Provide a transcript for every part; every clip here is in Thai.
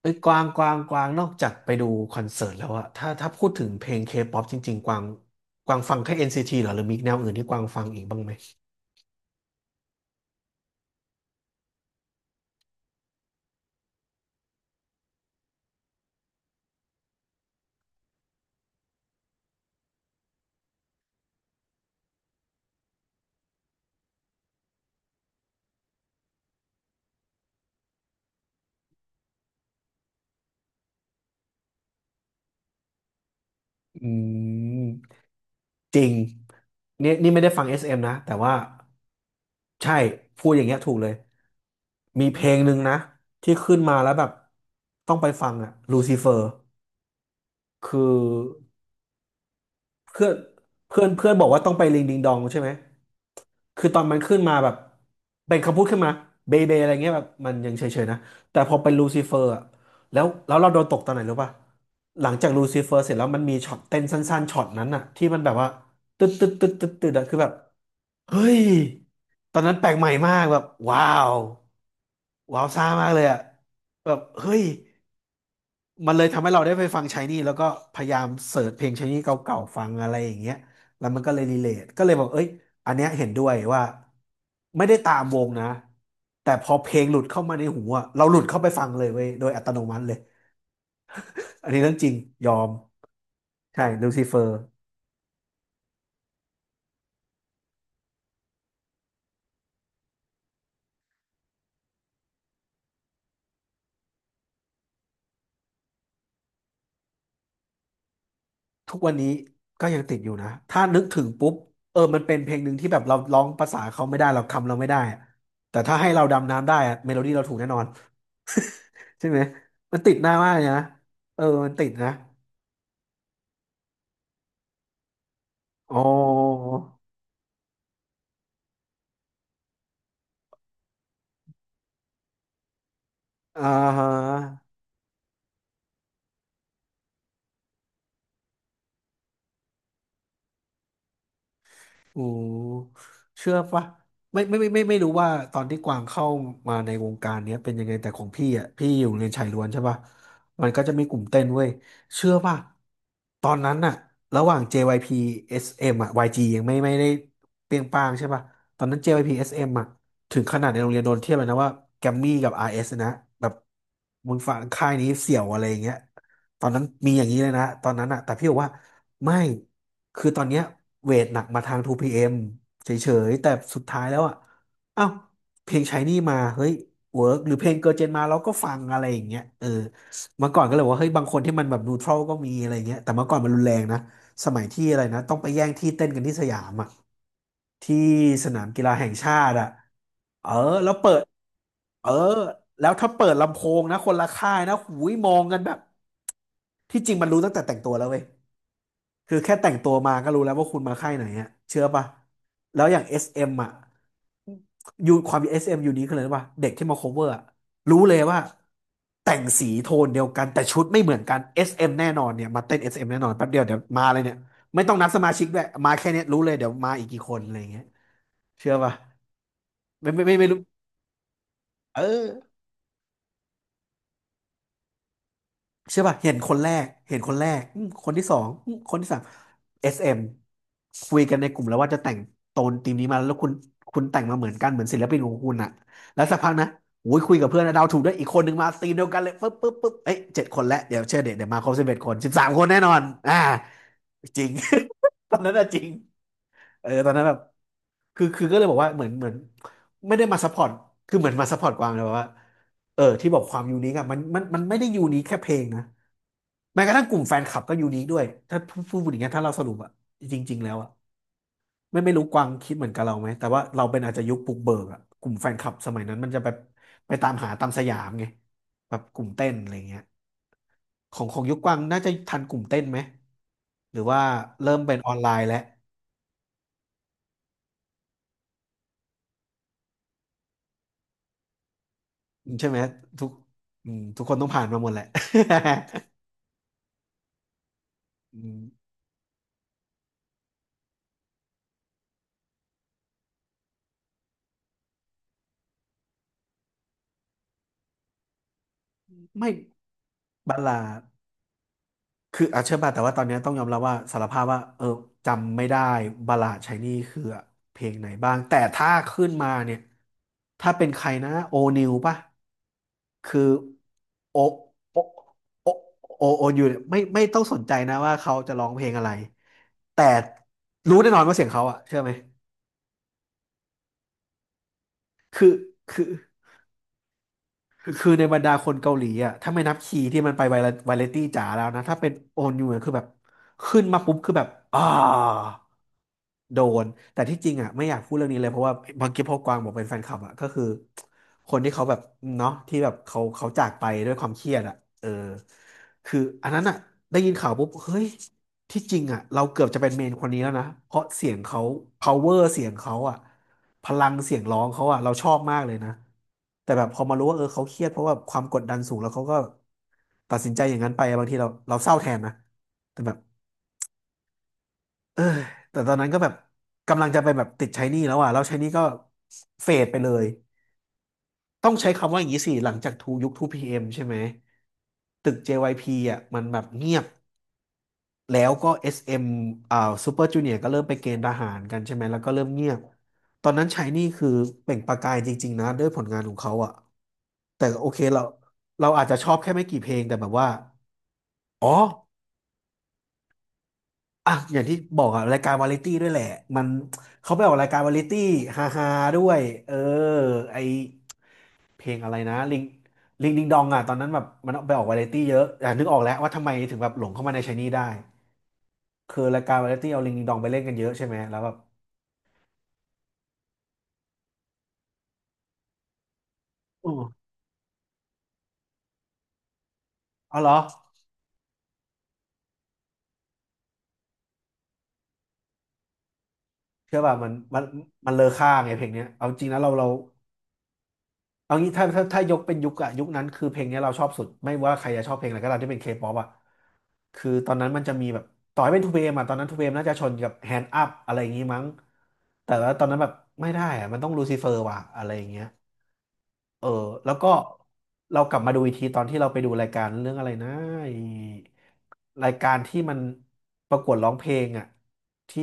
เอ้ยกวางกวางกวางนอกจากไปดูคอนเสิร์ตแล้วอะถ้าพูดถึงเพลงเคป๊อปจริงๆกวางกวางฟังแค่ NCT เหรอหรือมีแนวอื่นที่กวางฟังอีกบ้างไหมอืมจริงนี่ไม่ได้ฟัง SM นะแต่ว่าใช่พูดอย่างเงี้ยถูกเลยมีเพลงหนึ่งนะที่ขึ้นมาแล้วแบบต้องไปฟังอะลูซิเฟอร์คือ เพื่อนเพื่อนเพื่อนบอกว่าต้องไปลิงดิงดองใช่ไหมคือตอนมันขึ้นมาแบบเป็นคำพูดขึ้นมาเบเบอะไรเงี้ยแบบมันยังเฉยๆนะ แต่พอเป็นลูซิเฟอร์อะแล้วเราโดนตกตอนไหนรู้ป่ะ หลังจากลูซิเฟอร์เสร็จแล้วมันมีช็อตเต้นสั้นๆช็อตนั้นอะที่มันแบบว่าตึ๊ดตึ๊ดตึ๊ดตึ๊ดตึ๊ดอะคือแบบเฮ้ยตอนนั้นแปลกใหม่มากแบบว้าวว้าวซ่ามากเลยอะแบบเฮ้ย มันเลยทำให้เราได้ไปฟังชายนี่แล้วก็พยายามเสิร์ชเพลงชายนี่เก่าๆฟังอะไรอย่างเงี้ยแล้วมันก็เลยรีเลทก็เลยบอกเอ้ยอันเนี้ยเห็นด้วยว่าไม่ได้ตามวงนะแต่พอเพลงหลุดเข้ามาในหูอะเราหลุดเข้าไปฟังเลยเว้ยโดยอัตโนมัติเลยอันนี้เรื่องจริงยอมใช่ลูซิเฟอร์ทุกวันนี้ก็ยังติดอยู่นะถ้านึกถึงปุ๊บเออมันเป็นเพลงหนึ่งที่แบบเราร้องภาษาเขาไม่ได้เราคำเราไม่ได้อะแต่ถ้าให้เราดำน้ำได้อะเมโลดี้เราถูกแน่นอนใช่ไหมมันติดหน้ามากเลยนะเออมันติดนะ อ๋ออ่าฮะโอ้เชื่อปะไม่รู้ว่าตอนที่กวางเข้ามาในวงการเนี้ยเป็นยังไงแต่ของพี่อ่ะพี่อยู่โรงเรียนชายล้วนใช่ปะมันก็จะมีกลุ่มเต้นเว้ยเชื่อปะตอนนั้นน่ะระหว่าง JYP SM อสเอ็มอ่ะ YG ยจียังไม่ได้เปรี้ยงป้างใช่ปะตอนนั้น JYP SM อสเอ็มอ่ะถึงขนาดในโรงเรียนโดนเทียบเลยนะว่าแกมมี่กับ RS นะแบบมึงฝั่งค่ายนี้เสี่ยวอะไรอย่างเงี้ยตอนนั้นมีอย่างนี้เลยนะตอนนั้นอ่ะแต่พี่บอกว่า ไม่ คือตอนเนี้ยเวทหนักมาทางทูพีเอมเฉยๆแต่สุดท้ายแล้วอ่ะเอ้าเพลง Shiny มาเฮ้ยเวิร์กหรือเพลงเกิร์ลเจนมาเราก็ฟังอะไรอย่างเงี้ยเออเมื่อก่อนก็เลยว่าเฮ้ยบางคนที่มันแบบนูทรัลก็มีอะไรเงี้ยแต่เมื่อก่อนมันรุนแรงนะสมัยที่อะไรนะต้องไปแย่งที่เต้นกันที่สยามอ่ะที่สนามกีฬาแห่งชาติอ่ะเออแล้วเปิดเออแล้วถ้าเปิดลำโพงนะคนละค่ายนะหูยมองกันแบบที่จริงมันรู้ตั้งแต่แต่งตัวแล้วเว้ย คือแค่แต่งตัวมาก็รู้แล้วว่าคุณมาค่ายไหนอะเชื่อป่ะแล้วอย่างเอสเอ่ะยูความเอสเอ็มยูนี้คืออะไรรู้ป่ะเด็กที่มา cover อะรู้เลยว่าแต่งสีโทนเดียวกันแต่ชุดไม่เหมือนกันเอสเอ็มแน่นอนเนี่ยมาเต้นเอสเอ็มแน่นอนแป๊บเดียวเดี๋ยวมาเลยเนี่ยไม่ต้องนับสมาชิกด้วยมาแค่เนี้ยรู้เลยเดี๋ยวมาอีกกี่คนอะไรอย่างเงี้ยเชื่อป่ะไม่รู้เออ เชื่อป่ะเห็นคนแรกอืมคนที่สองอืมคนที่สาม SM คุยกันในกลุ่มแล้วว่าจะแต่งโทนธีมนี้มาแล้วคุณแต่งมาเหมือนกันเหมือนศิลปินของคุณอะแล้วสักพักนะโอ้ยคุยกับเพื่อนนะเดาถูกด้วยอีกคนหนึ่งมาธีมเดียวกันเลยปึ๊บปึ๊บปึ๊บเอ้ย7 คนแล้วเดี๋ยวเชื่อเดี๋ยวเดี๋ยวมาครบ11 คน13 คนแน่นอนอ่าจริง ตอนนั้นอะจริง เออตอนนั้นแบบคือก็เลยบอกว่าเหมือนไม่ได้มาซัพพอร์ตคือเหมือนมาซัพพอร์ตกวางเลยว่าเออที่บอกความยูนิคอะมันไม่ได้ยูนิคแค่เพลงนะแม้กระทั่งกลุ่มแฟนคลับก็ยูนิคด้วยถ้าพูดอย่างเงี้ยถ้าเราสรุปอะจริงๆแล้วอะไม่รู้กวางคิดเหมือนกับเราไหมแต่ว่าเราเป็นอาจจะยุคปลุกเบิกอะกลุ่มแฟนคลับสมัยนั้นมันจะแบบไปตามหาตามสยามไงแบบกลุ่มเต้นอะไรเงี้ยของยุคกวางน่าจะทันกลุ่มเต้นไหมหรือว่าเริ่มเป็นออนไลน์แล้ว ใช่ไหมทุกอืมทุกคนต้องผ่านมาหมดแหละ อืมไม่บัลลาดคืออาเชื่อป่ะแต่ว่าตอนนี้ต้องยอมรับว่าสารภาพว่าจำไม่ได้บัลลาดไชายนี่คือเพลงไหนบ้างแต่ถ้าขึ้นมาเนี่ยถ้าเป็นใครนะโอนิวป่ะคือโอโอโอโอยูเนี่ยไม่ต้องสนใจนะว่าเขาจะร้องเพลงอะไรแต่รู้แน่นอนว่าเสียงเขาอะเชื่อไหมคือคือ คือในบรรดาคนเกาหลีอ่ะถ้าไม่นับคีย์ที่มันไปไวเลตี้จ๋าแล้วนะถ้าเป็นโอนยู่คือแบบขึ้นมาปุ๊บคือแบบโดนแต่ที่จริงอ่ะไม่อยากพูดเรื่องนี้เลยเพราะว่าบางทีพอกวางบอกเป็นแฟนคลับอ่ะก็คือคนที่เขาแบบเนาะที่แบบเขาจากไปด้วยความเครียดอ่ะเออคืออันนั้นอ่ะได้ยินข่าวปุ๊บเฮ้ยที่จริงอ่ะเราเกือบจะเป็นเมนคนนี้แล้วนะเพราะเสียงเขา power เสียงเขาอ่ะพลังเสียงร้องเขาอ่ะเราชอบมากเลยนะแต่แบบพอมารู้ว่าเออเขาเครียดเพราะว่าความกดดันสูงแล้วเขาก็ตัดสินใจอย่างนั้นไปอะบางทีเราเศร้าแทนนะแต่แบบ เออแต่ตอนนั้นก็แบบกำลังจะไปแบบติดใช้หนี้แล้วอ่ะแล้วใช้หนี้ก็เฟดไปเลยต้องใช้คำว่าอย่างนี้สิหลังจากทูยุคทพีเอ็มใช่ไหมตึก JYP อ่ะมันแบบเงียบแล้วก็ SM อสเอ็มอ่าซูเปอร์จูเนียร์ก็เริ่มไปเกณฑ์ทหารกันใช่ไหมแล้วก็เริ่มเงียบตอนนั้นใช้หนี่คือเปล่งประกายจริงๆนะด้วยผลงานของเขาอ่ะแต่โอเคเราอาจจะชอบแค่ไม่กี่เพลงแต่แบบว่าอ๋อ อ่ะอย่างที่บอกอะรายการวาไรตี้ด้วยแหละมันเขาไปออกรายการวาไรตี้ฮาฮาด้วยเออไอเพลงอะไรนะลิงดิงดองอะตอนนั้นแบบมันไปออกวาไรตี้เยอะอ่ะนึกออกแล้วว่าทำไมถึงแบบหลงเข้ามาในไชนี่ได้คือรายการวาไรตี้เอาลิงดิงดองไปเล่นกันเยอะใช่ไหมแล้วแบบอ๋อเอาเหรอเชื่อป่ะมันมันเลอค่าไงเพลงเนี้ยเอาจริงนะเราเรา เอางี้ถ้ายกเป็นยุคอะยุคนั้นคือเพลงเนี้ยเราชอบสุดไม่ว่าใครจะชอบเพลงอะไรก็ตามที่เป็นเคป๊อปอะคือตอนนั้นมันจะมีแบบต่อให้เป็นทูเพมอะตอนนั้นทูเพน่าจะชนกับแฮนด์อัพอะไรอย่างงี้มั้งแต่ว่าตอนนั้นแบบไม่ได้อะมันต้องลูซิเฟอร์ว่ะอะไรอย่างเงี้ยเออแล้วก็เรากลับมาดูอีกทีตอนที่เราไปดูรายการเรื่องอะไรนะไอ้รายการที่มันประกวดร้องเพลงอะที่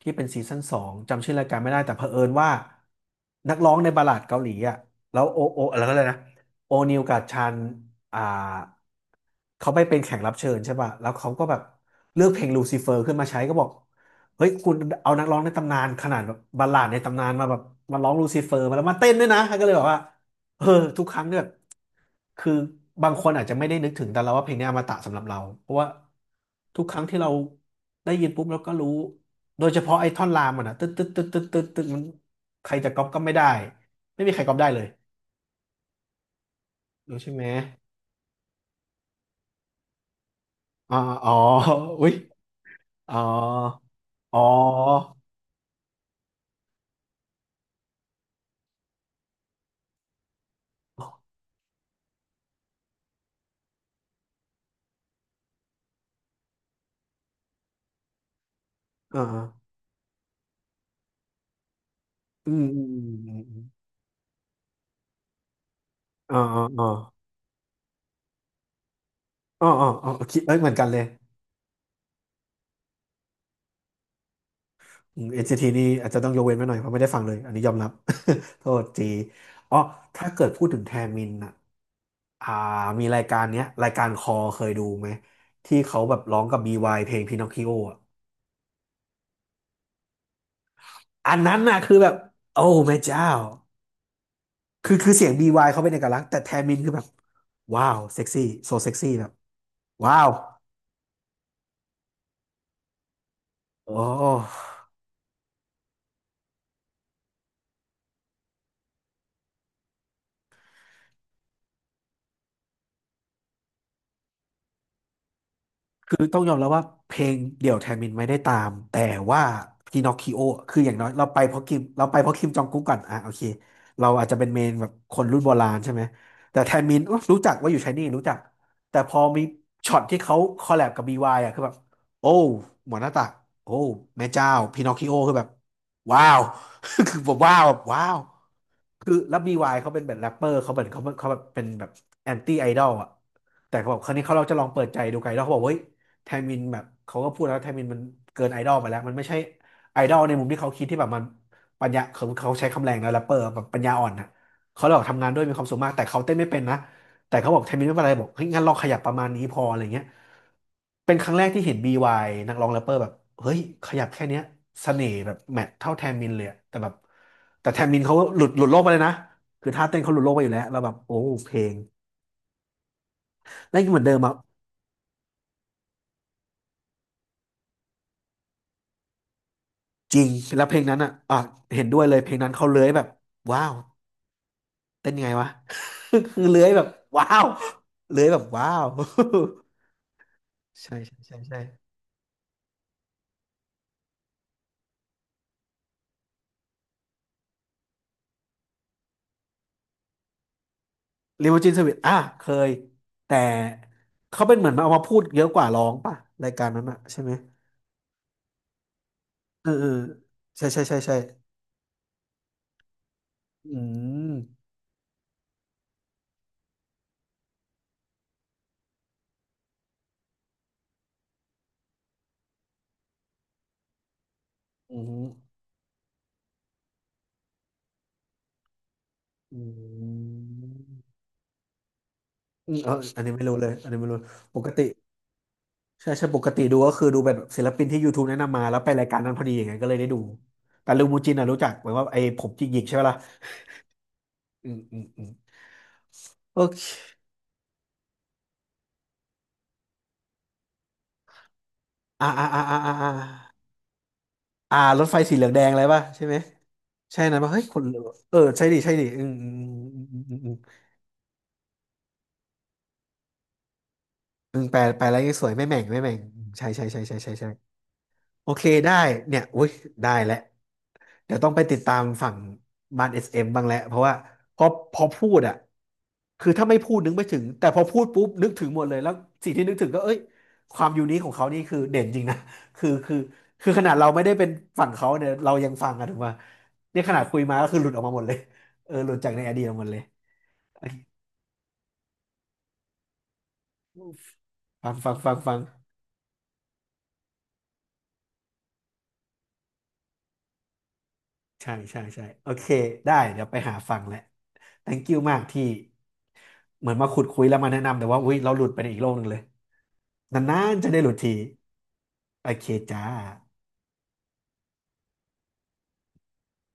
ที่เป็นซีซั่นสองจำชื่อรายการไม่ได้แต่เผอิญว่านักร้องในบัลลาดเกาหลีอ่ะแล้วโอโอแล้วก็เลยนะโอนิวกับชันอ่าเขาไปเป็นแขกรับเชิญใช่ป่ะแล้วเขาก็แบบเลือกเพลงลูซิเฟอร์ขึ้นมาใช้ก็บอกเฮ้ยคุณเอานักร้องในตำนานขนาดแบบบัลลาดในตำนานมาแบบมาร้องลูซิเฟอร์มาแล้วมาเต้นด้วยนะก็เลยบอกว่าเออทุกครั้งเนี่ย คือบางคนอาจจะไม่ได้นึกถึงแต่เราว่าเพลงนี้อมตะสำหรับเราเพราะว่าทุกครั้งที่เราได้ยินปุ๊บเราก็รู้โดยเฉพาะไอ้ท่อนรามมันอะตึ๊ดตึ๊ดตึ๊ดตึ๊ดตึ๊ดตึ๊ดมันใครจะก๊อปก็ไม่ได้ไม่มีใครก๊อปได้เลยรู้ใช่ไหมอ๋ออ๋ออุ้ยอ๋ออ๋ออ่าอืมอืมอืมอืมอ่าอ่าอ่าอ๋ออ๋ออ๋อคิดเอ้ยเหมือนกันเลยอืม NCT นซีทีนี่อาจจะต้องยกเว้นไว้หน่อยเพราะไม่ได้ฟังเลยอันนี้ยอมรับ โทษทีอ๋อถ้าเกิดพูดถึงแทมินอะ อ่ามีรายการเนี้ยรายการคอเคยดูไหมที่เขาแบบร้องกับ BY เพลงพินอคคิโออ่ะอันนั้นน่ะคือแบบโอ้แม่เจ้าคือเสียง BY เขาเป็นเอกลักษณ์แต่แทมินคือแบบว้าวเซ็กซี่โซเซ็กซี่แบบว้าวโอ้ คือต้องยอมรับว่าเพลงเดี่ยวแทนมินไม่ได้ตามแต่ว่าพินอคคิโอคืออย่างน้อยเราไปเพราะคิมเราไปเพราะคิมจองกุ๊กก่อนอ่ะโอเคเราอาจจะเป็นเมนแบบคนรุ่นโบราณใช่ไหมแต่แทนมินอุ๊ยรู้จักว่าอยู่ไชนี่รู้จักแต่พอมีช็อตที่เขาคอลแลบกับ BY อ่ะคือแบบโอ้หมอหน้าตักโอ้แม่เจ้าพินอคคิโอคือแบบว้าว คือผมว้าวแบบว้าวคือแล้วบีวายเขาเป็นแบบแรปเปอร์เขาเหมนเขาเขาแบบเป็นแบบแอนตี้ไอดอลอ่ะแต่เขาบอกครั้งนี้เขาเราจะลองเปิดใจดูไกดอลวเขาบอกเฮ้ย แทมินแบบเขาก็พูดแล้วแทมินมันเกินไอดอลไปแล้วมันไม่ใช่ไอดอลในมุมที่เขาคิดที่แบบมันปัญญาเขาใช้คำแรงแล้วแรปเปอร์แบบปัญญาอ่อนนะเขาเลยบอกทำงานด้วยมีความสุขมากแต่เขาเต้นไม่เป็นนะแต่เขาบอกแทมินไม่เป็นไรบอกเฮ้ยงั้นลองขยับประมาณนี้พออะไรเงี้ยเป็นครั้งแรกที่เห็น BY นักร้องแรปเปอร์แบบเฮ้ยขยับแค่เนี้ยเสน่ห์แบบแมทเท่าแทมินเลยอะแต่แบบแต่แทมินเขาหลุดโลกไปเลยนะคือท่าเต้นเขาหลุดโลกไปอยู่แล้วเราแล้วแบบโอ้เพลงแล้วเหมือนเดิมอะ จริงแล้วเพลงนั้นอ่ะเห็นด้วยเลยเพลงนั้นเขาเลื้อยแบบว้าวเต้นยังไงวะ คือ เลื้อยแบบว้าวเลื้อยแบบว้าว ใช่ใช่ใช่ใช่ลิมูจินสวิตอ่ะเคยแต่เขาเป็นเหมือนมาเอามาพูดเยอะกว่าร้องป่ะรายการนั้นอ่ะใช่ไหมเออเออใช่ใช่ใช่ใช่อืมอืมอืมอืมเอออันนี้ไม่รู้เลยอันนี้ไม่รู้ปกติ ใช่ใช่ปกติดูก็คือดูแบบศิลปินที่ YouTube แนะนำมาแล้วไปรายการนั้นพอดีอย่างเงี้ยก็เลยได้ดูแต่ลูมูจินอ่ะรู้จักเหมือนว่าไอ้ผมจิกหยิกใช่ไหมล่ะอืมอืมอืมโอเคอ่าอ่าอ่าอ่าอ่าอ่าอ่ารถไฟสีเหลืองแดงอะไรป่ะใช่ไหมใช่นะป่ะเฮ้ยคนเออใช่ดิใช่ดิอืมอืมอืมอืมอืมอืมอืมแปลอะไรสวยไม่แหม่งไม่แหม่งใช่ใช่ใช่ใช่ใช่ใช่ โอเคได้เนี่ยอุ้ยได้แล้วเดี๋ยวต้องไปติดตามฝั่งบ้านเอสเอ็มบ้างแล้วเพราะว่าพอพอพูดอ่ะคือถ้าไม่พูดนึกไม่ถึง แต่พอพูดปุ๊บนึกถึงหมดเลย แล้วสิ่งที่นึกถึงก็เอ้ยความยูนิคของเขานี่คือเด่นจริงนะ คือคือคือขนาดเราไม่ได้เป็นฝั่งเขาเนี่ยเรายังฟังอะถูกป่ะเนี่ยขนาดคุยมาก็คือหลุดออกมาหมดเลยเออหลุดจากในอดีตออกมาหมดเลยโอเคฟังฟังฟังฟัง ใช่ใช่ใช่โอเคได้เดี๋ยวไปหาฟังแหละ thank you มากที่เหมือนมาขุดคุยแล้วมาแนะนำแต่ว่าอุ๊ยเราหลุดไปในอีกโลกหนึ่งเลยนานๆจะได้หลุดทีโอเคจ้า